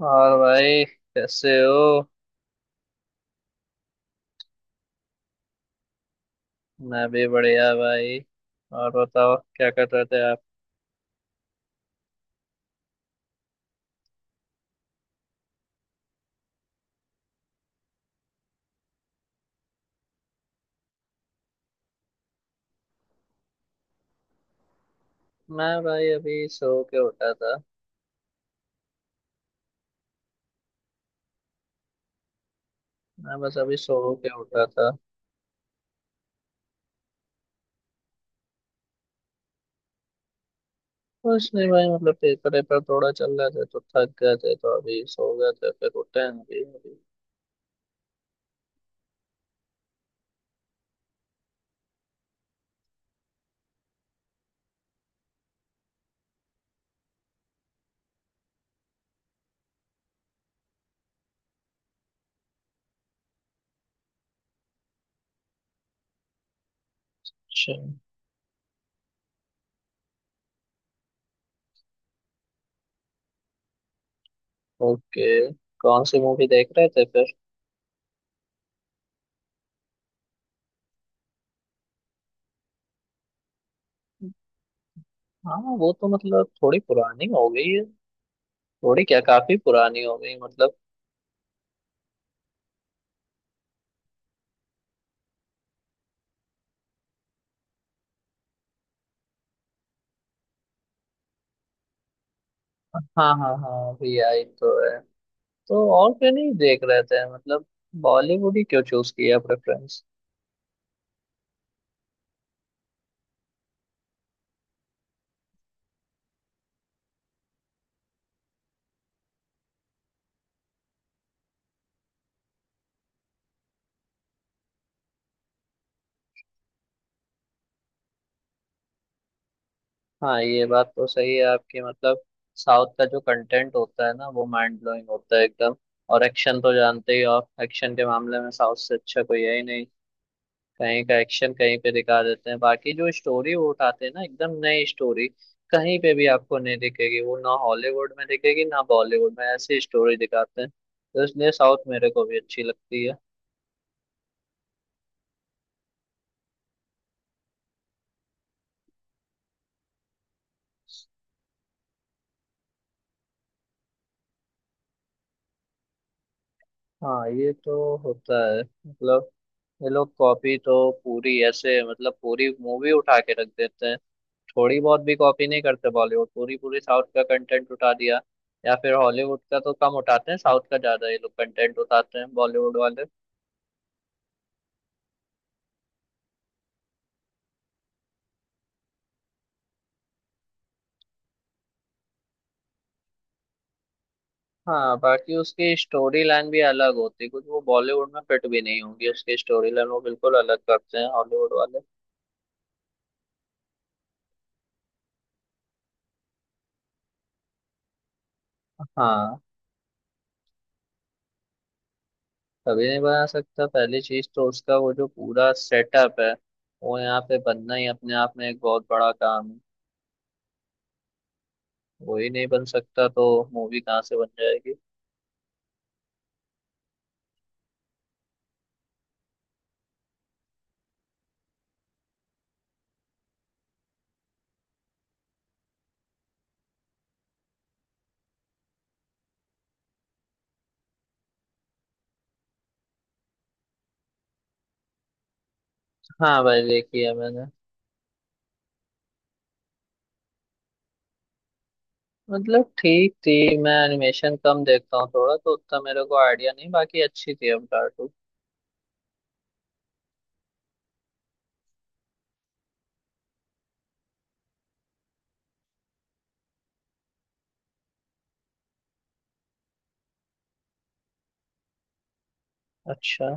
और भाई कैसे हो। मैं भी बढ़िया भाई। और बताओ क्या कर रहे थे आप। मैं भाई अभी सो के उठा था। मैं बस अभी सो के उठा था कुछ नहीं भाई मतलब पेपर वेपर थोड़ा चल रहे थे तो थक गए थे तो अभी सो गए थे फिर उठे हैं अभी अभी। अच्छा। ओके। कौन सी मूवी देख रहे थे फिर। हाँ वो तो मतलब थोड़ी पुरानी हो गई है। थोड़ी क्या काफी पुरानी हो गई मतलब। हाँ हाँ हाँ अभी आई तो है। तो और क्या नहीं देख रहे थे मतलब। बॉलीवुड ही क्यों चूज किया प्रेफरेंस। हाँ ये बात तो सही है आपकी मतलब। साउथ का जो कंटेंट होता है ना वो माइंड ब्लोइंग होता है एकदम। और एक्शन तो जानते ही हो आप एक्शन के मामले में साउथ से अच्छा कोई है ही नहीं। कहीं का एक्शन कहीं पे दिखा देते हैं बाकी जो स्टोरी वो उठाते हैं ना एकदम नई स्टोरी। कहीं पे भी आपको नहीं दिखेगी वो ना हॉलीवुड में दिखेगी ना बॉलीवुड में ऐसी स्टोरी दिखाते हैं तो इसलिए साउथ मेरे को भी अच्छी लगती है। हाँ ये तो होता है मतलब। ये लोग कॉपी तो पूरी ऐसे मतलब पूरी मूवी उठा के रख देते हैं। थोड़ी बहुत भी कॉपी नहीं करते बॉलीवुड पूरी पूरी साउथ का कंटेंट उठा दिया। या फिर हॉलीवुड का तो कम उठाते हैं साउथ का ज्यादा ये लोग कंटेंट उठाते हैं बॉलीवुड वाले। हाँ बाकी उसकी स्टोरी लाइन भी अलग होती है कुछ वो बॉलीवुड में फिट भी नहीं होंगी उसकी स्टोरी लाइन वो बिल्कुल अलग करते हैं हॉलीवुड वाले। हाँ। कभी नहीं बना सकता पहली चीज तो उसका वो जो पूरा सेटअप है। वो यहाँ पे बनना ही अपने आप में एक बहुत बड़ा काम है। वही नहीं बन सकता तो मूवी कहाँ से बन जाएगी। हाँ भाई देखी है मैंने। मतलब ठीक थी मैं एनिमेशन कम देखता हूँ थोड़ा तो उतना मेरे को आइडिया नहीं बाकी अच्छी थी अवतार टू। अच्छा।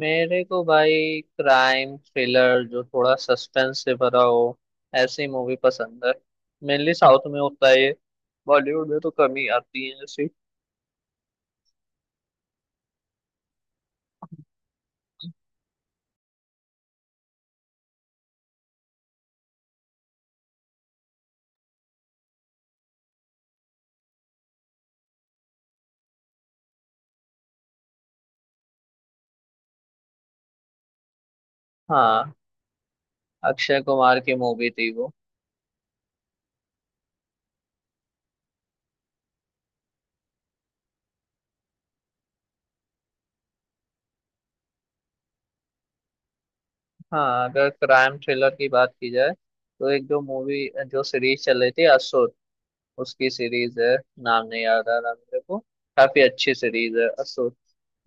मेरे को भाई क्राइम थ्रिलर जो थोड़ा सस्पेंस से भरा हो ऐसी मूवी पसंद है। मेनली साउथ में होता है ये। बॉलीवुड में तो कम ही आती है ऐसी। हाँ अक्षय कुमार की मूवी थी वो। हाँ अगर क्राइम थ्रिलर की बात की जाए तो एक जो मूवी जो सीरीज चल रही थी असुर। उसकी सीरीज है। नाम नहीं याद आ रहा मेरे को। काफी अच्छी सीरीज है असुर।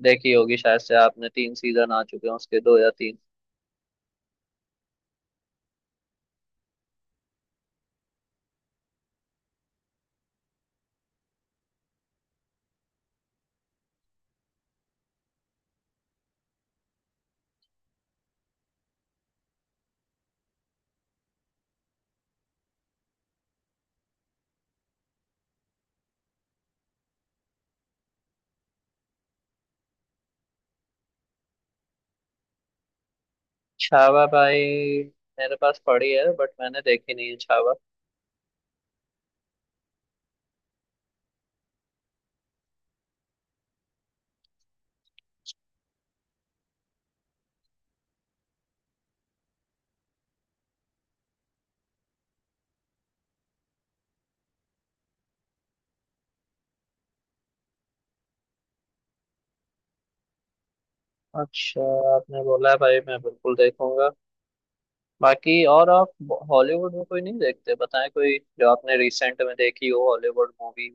देखी होगी शायद से आपने तीन सीजन आ चुके हैं उसके दो या तीन। छावा भाई। मेरे पास पड़ी है बट मैंने देखी नहीं है छावा। अच्छा। आपने बोला है भाई मैं बिल्कुल देखूंगा। बाकी और आप हॉलीवुड में कोई नहीं देखते बताएं कोई जो आपने रिसेंट में देखी हो हॉलीवुड मूवी।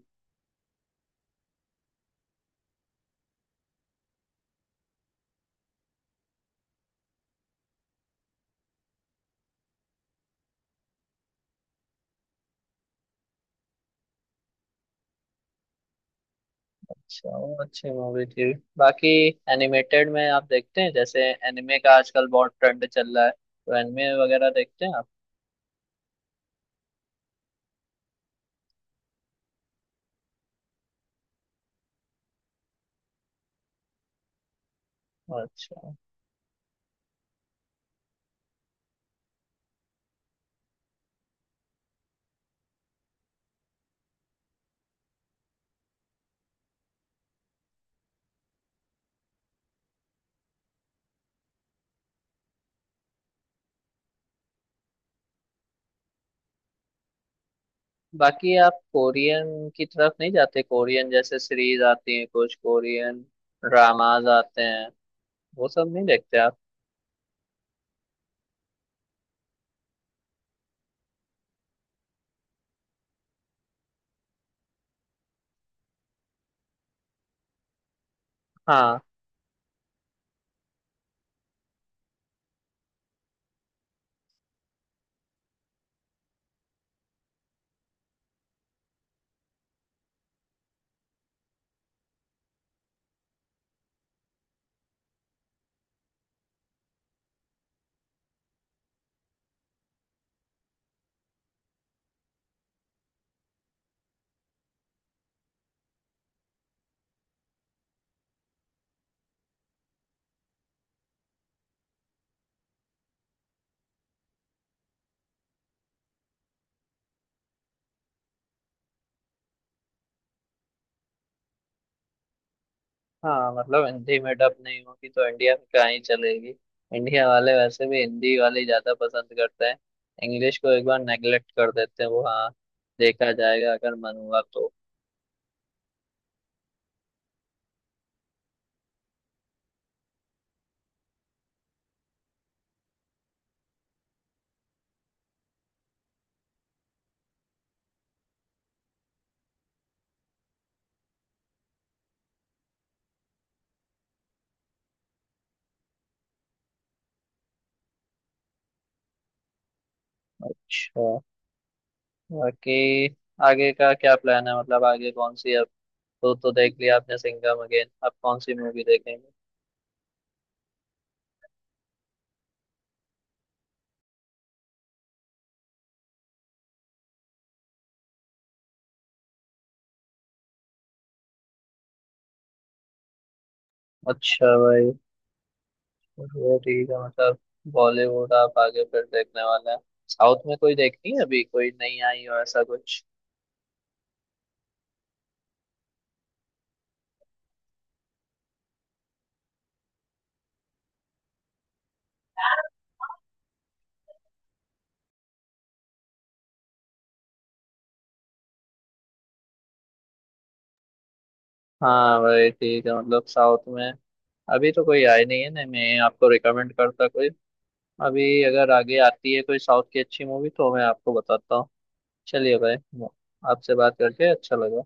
अच्छा वो अच्छी मूवी थी बाकी एनिमेटेड में आप देखते हैं जैसे एनिमे का आजकल बहुत ट्रेंड चल रहा है तो एनिमे वगैरह देखते हैं। अच्छा। बाकी आप कोरियन की तरफ नहीं जाते कोरियन जैसे सीरीज आती है कुछ कोरियन ड्रामाज आते हैं वो सब नहीं देखते आप। हाँ हाँ मतलब हिंदी में डब नहीं होगी तो इंडिया में कहाँ ही चलेगी। इंडिया वाले वैसे भी हिंदी वाले ज्यादा पसंद करते हैं। इंग्लिश को एक बार नेगलेक्ट कर देते हैं वो। हाँ देखा जाएगा अगर मन हुआ तो। अच्छा। बाकी आगे का क्या प्लान है मतलब आगे कौन सी अब तो देख लिया आपने सिंघम अगेन अब कौन सी मूवी देखेंगे। अच्छा भाई वो ठीक है मतलब बॉलीवुड आप आगे फिर देखने वाले हैं। साउथ में कोई देखनी है अभी कोई नहीं आई हो ऐसा कुछ। हाँ भाई ठीक है मतलब साउथ में अभी तो कोई आई नहीं है ना मैं आपको रिकमेंड करता कोई। अभी अगर आगे आती है कोई साउथ की अच्छी मूवी तो मैं आपको बताता हूँ। चलिए भाई। आपसे बात करके अच्छा लगा।